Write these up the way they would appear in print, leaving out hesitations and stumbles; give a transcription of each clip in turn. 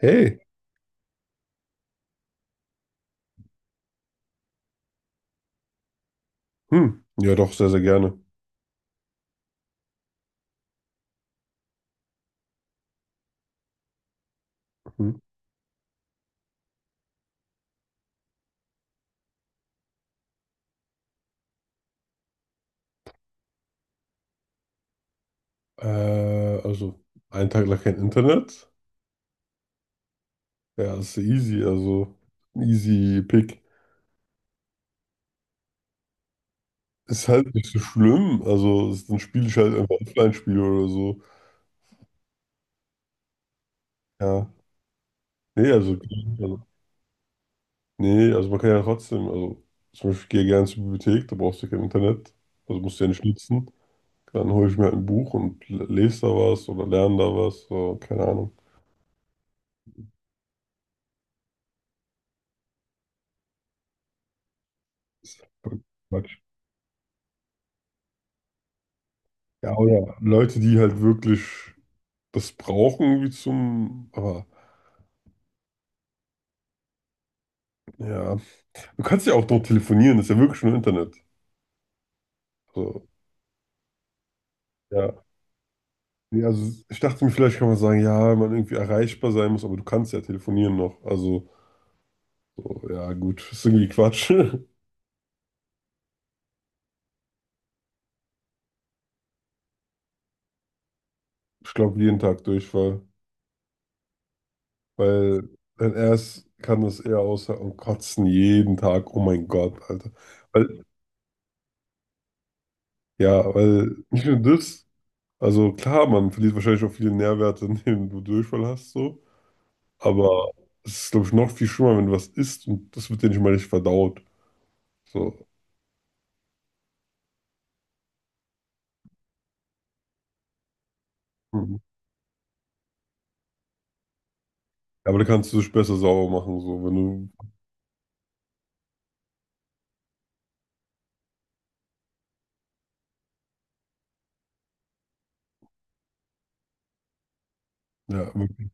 Hey, hm, ja doch, sehr, sehr gerne. Hm. Äh, also, einen Tag lang kein Internet, ja, ist ja easy, also, easy pick. Ist halt nicht so schlimm, also, ist, dann spiele ich halt einfach Offline-Spiele oder so. Ja, nee, also, nee, also man kann ja trotzdem, also, zum Beispiel, ich gehe ich gerne zur Bibliothek, da brauchst du kein Internet, also musst du ja nicht nutzen. Dann hole ich mir halt ein Buch und lese da was oder lerne da was, so, keine Ahnung. Ist voll Quatsch. Ja, oder Leute, die halt wirklich das brauchen irgendwie zum. Aber ja, du kannst ja auch dort telefonieren, das ist ja wirklich nur Internet. So, ja. Nee, also ich dachte mir, vielleicht kann man sagen, ja, man irgendwie erreichbar sein muss, aber du kannst ja telefonieren noch. Also, so, ja, gut, ist irgendwie Quatsch. Ich glaube, jeden Tag Durchfall, weil wenn er es kann, das eher aushalten und kotzen jeden Tag. Oh mein Gott, Alter. Weil, ja, weil nicht nur das, also klar, man verliert wahrscheinlich auch viele Nährwerte, indem du Durchfall hast, so. Aber es ist, glaube ich, noch viel schlimmer, wenn du was isst und das wird dir nicht mal richtig verdaut. So. Mhm. Aber da kannst du dich besser sauber machen, so, wenn du, ja, wirklich.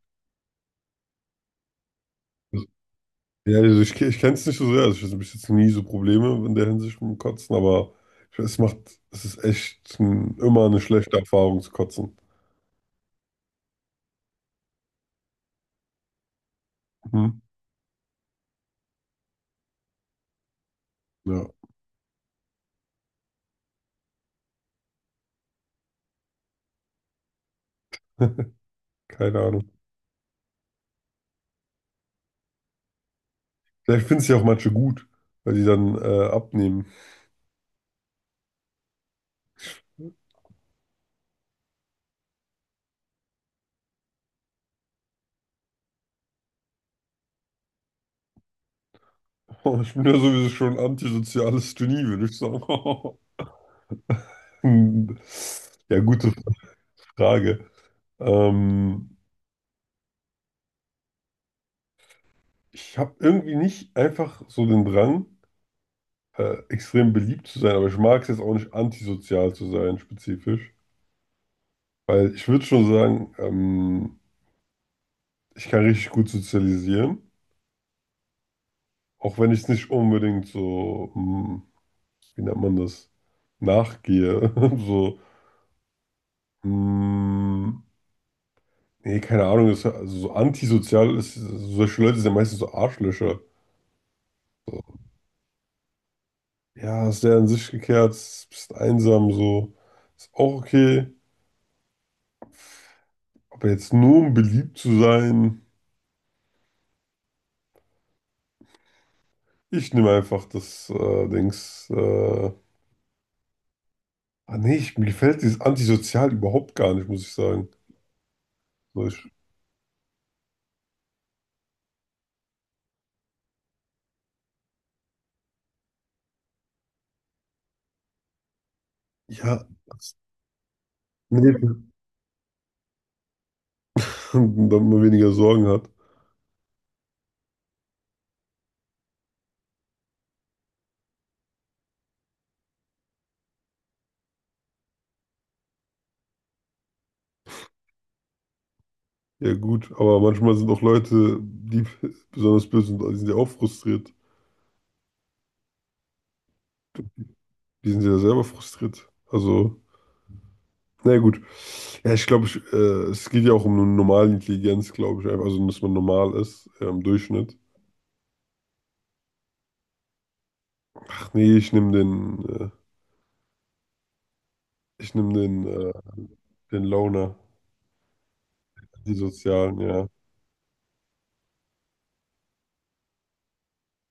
Ja, also ich kenne es nicht so sehr, also ich hatte bis jetzt nie so Probleme in der Hinsicht mit dem Kotzen, aber ich, es macht, es ist echt ein, immer eine schlechte Erfahrung zu kotzen. Mhm. Ja, keine Ahnung. Vielleicht finden es ja auch manche gut, weil die dann abnehmen. Ich bin ja sowieso schon ein antisoziales Genie, würde ich sagen. Hm. Ja, gute Frage. Ähm, Ich habe irgendwie nicht einfach so den Drang, extrem beliebt zu sein, aber ich mag es jetzt auch nicht, antisozial zu sein, spezifisch. Weil ich würde schon sagen, ich kann richtig gut sozialisieren, auch wenn ich es nicht unbedingt so, hm, wie nennt man das, nachgehe. So, hm, nee, keine Ahnung, ist, also so antisozial ist, solche Leute sind ja meistens so Arschlöcher. So, ja, ist der in sich gekehrt, bist einsam, so, ist auch okay. Aber jetzt nur um beliebt zu sein, ich nehme einfach das Dings. Ah nee, ich, mir gefällt dieses Antisozial überhaupt gar nicht, muss ich sagen. So, ich, ja, das- nee, damit man weniger Sorgen hat. Ja gut, aber manchmal sind auch Leute, die besonders böse sind, die sind ja auch frustriert. Die sind ja selber frustriert. Also, naja gut. Ja, ich glaube, es geht ja auch um eine normale Intelligenz, glaube ich. Einfach, also, dass man normal ist, im Durchschnitt. Ach nee, ich nehme den, den Loner, die Sozialen, ja.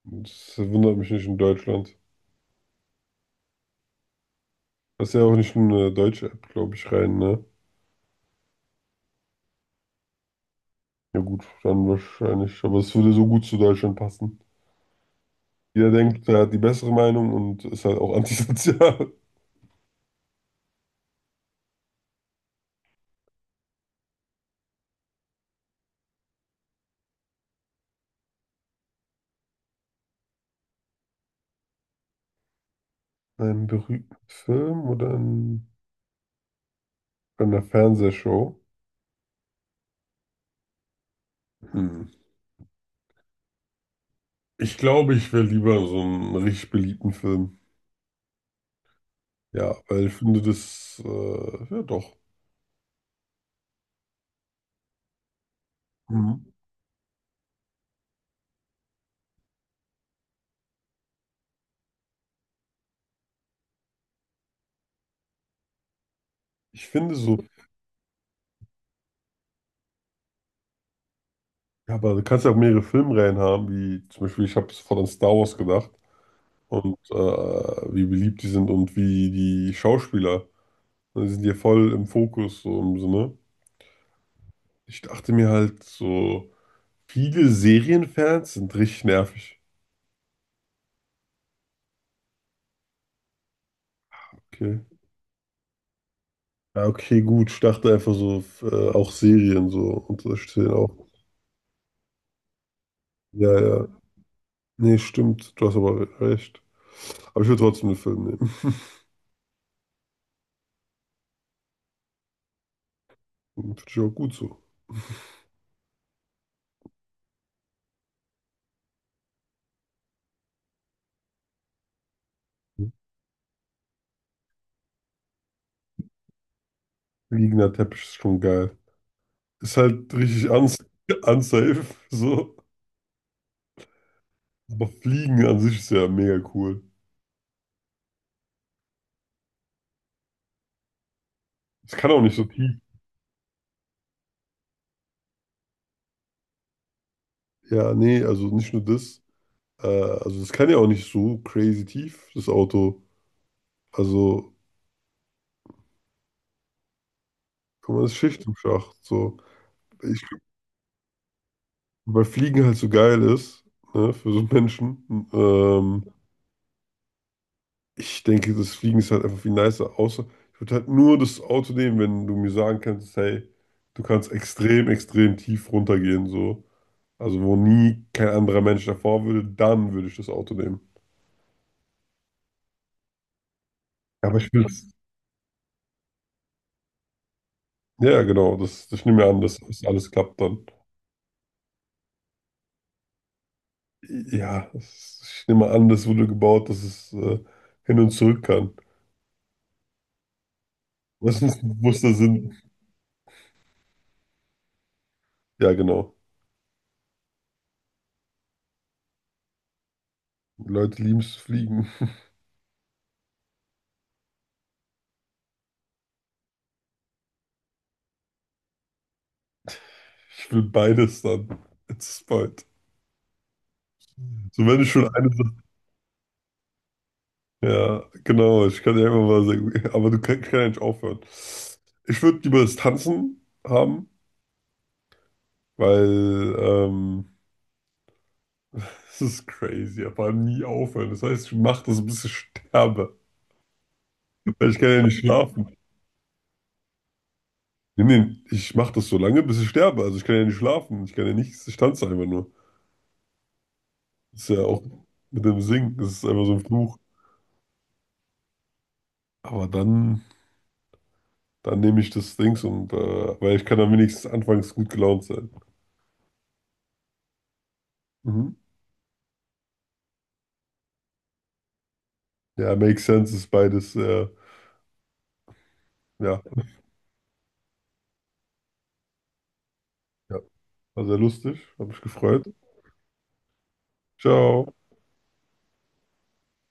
Das wundert mich nicht in Deutschland. Das ist ja auch nicht in eine deutsche App, glaube ich, rein, ne? Ja gut, dann wahrscheinlich. Aber es würde so gut zu Deutschland passen. Jeder denkt, er hat die bessere Meinung und ist halt auch antisozial. Ein berühmten Film oder in, bei einer Fernsehshow? Hm. Ich glaube, ich wäre lieber so einen richtig beliebten Film. Ja, weil ich finde das, ja doch. Mhm. Ich finde so ja, aber du kannst ja auch mehrere Filmreihen haben, wie zum Beispiel, ich habe sofort an Star Wars gedacht und wie beliebt die sind und wie die Schauspieler. Die sind ja voll im Fokus, so im Sinne. Ich dachte mir halt so, viele Serienfans sind richtig nervig. Okay. Ja, okay, gut. Ich dachte einfach so, auch Serien so und das stehen auch. Ja, ja. Nee, stimmt. Du hast aber recht. Aber ich würde trotzdem den Film nehmen. Finde ich auch gut so. Liegender Teppich ist schon geil. Ist halt richtig uns unsafe, so. Aber Fliegen an sich ist ja mega cool. Es kann auch nicht so tief. Ja, nee, also nicht nur das. Also es kann ja auch nicht so crazy tief, das Auto. Also kann man das Schicht im Schacht. So. Ich, weil Fliegen halt so geil ist, ne, für so einen Menschen. Ähm, Ich denke, das Fliegen ist halt einfach viel nicer. Außer ich würde halt nur das Auto nehmen, wenn du mir sagen kannst, hey, du kannst extrem, extrem tief runtergehen, so. Also wo nie kein anderer Mensch davor würde, dann würde ich das Auto nehmen. Aber ich will es. Ja, genau, das, ich nehme an, dass das alles klappt dann. Ja, das, ich nehme an, das wurde gebaut, dass es hin und zurück kann. Was ist ein bewusster Sinn? Ja, genau. Die Leute lieben es zu fliegen. Ich will beides dann. It's bald. So, wenn ich schon eine Sache. Ja, genau, ich kann ja immer mal sagen, aber du kannst kann ja nicht aufhören. Ich würde lieber das Tanzen haben, weil das ist crazy, aber nie aufhören. Das heißt, ich mache das, bis ich sterbe. Weil ich kann ja nicht schlafen. Nee, nee, ich mache das so lange, bis ich sterbe. Also ich kann ja nicht schlafen. Ich kann ja nichts. Ich tanze einfach nur. Das ist ja auch mit dem Singen. Das ist einfach so ein Fluch. Aber dann, dann nehme ich das Dings und, weil ich kann dann wenigstens anfangs gut gelaunt sein. Mhm. Ja, makes sense ist beides. Ja, ja, war sehr lustig. Hab mich gefreut. Ciao.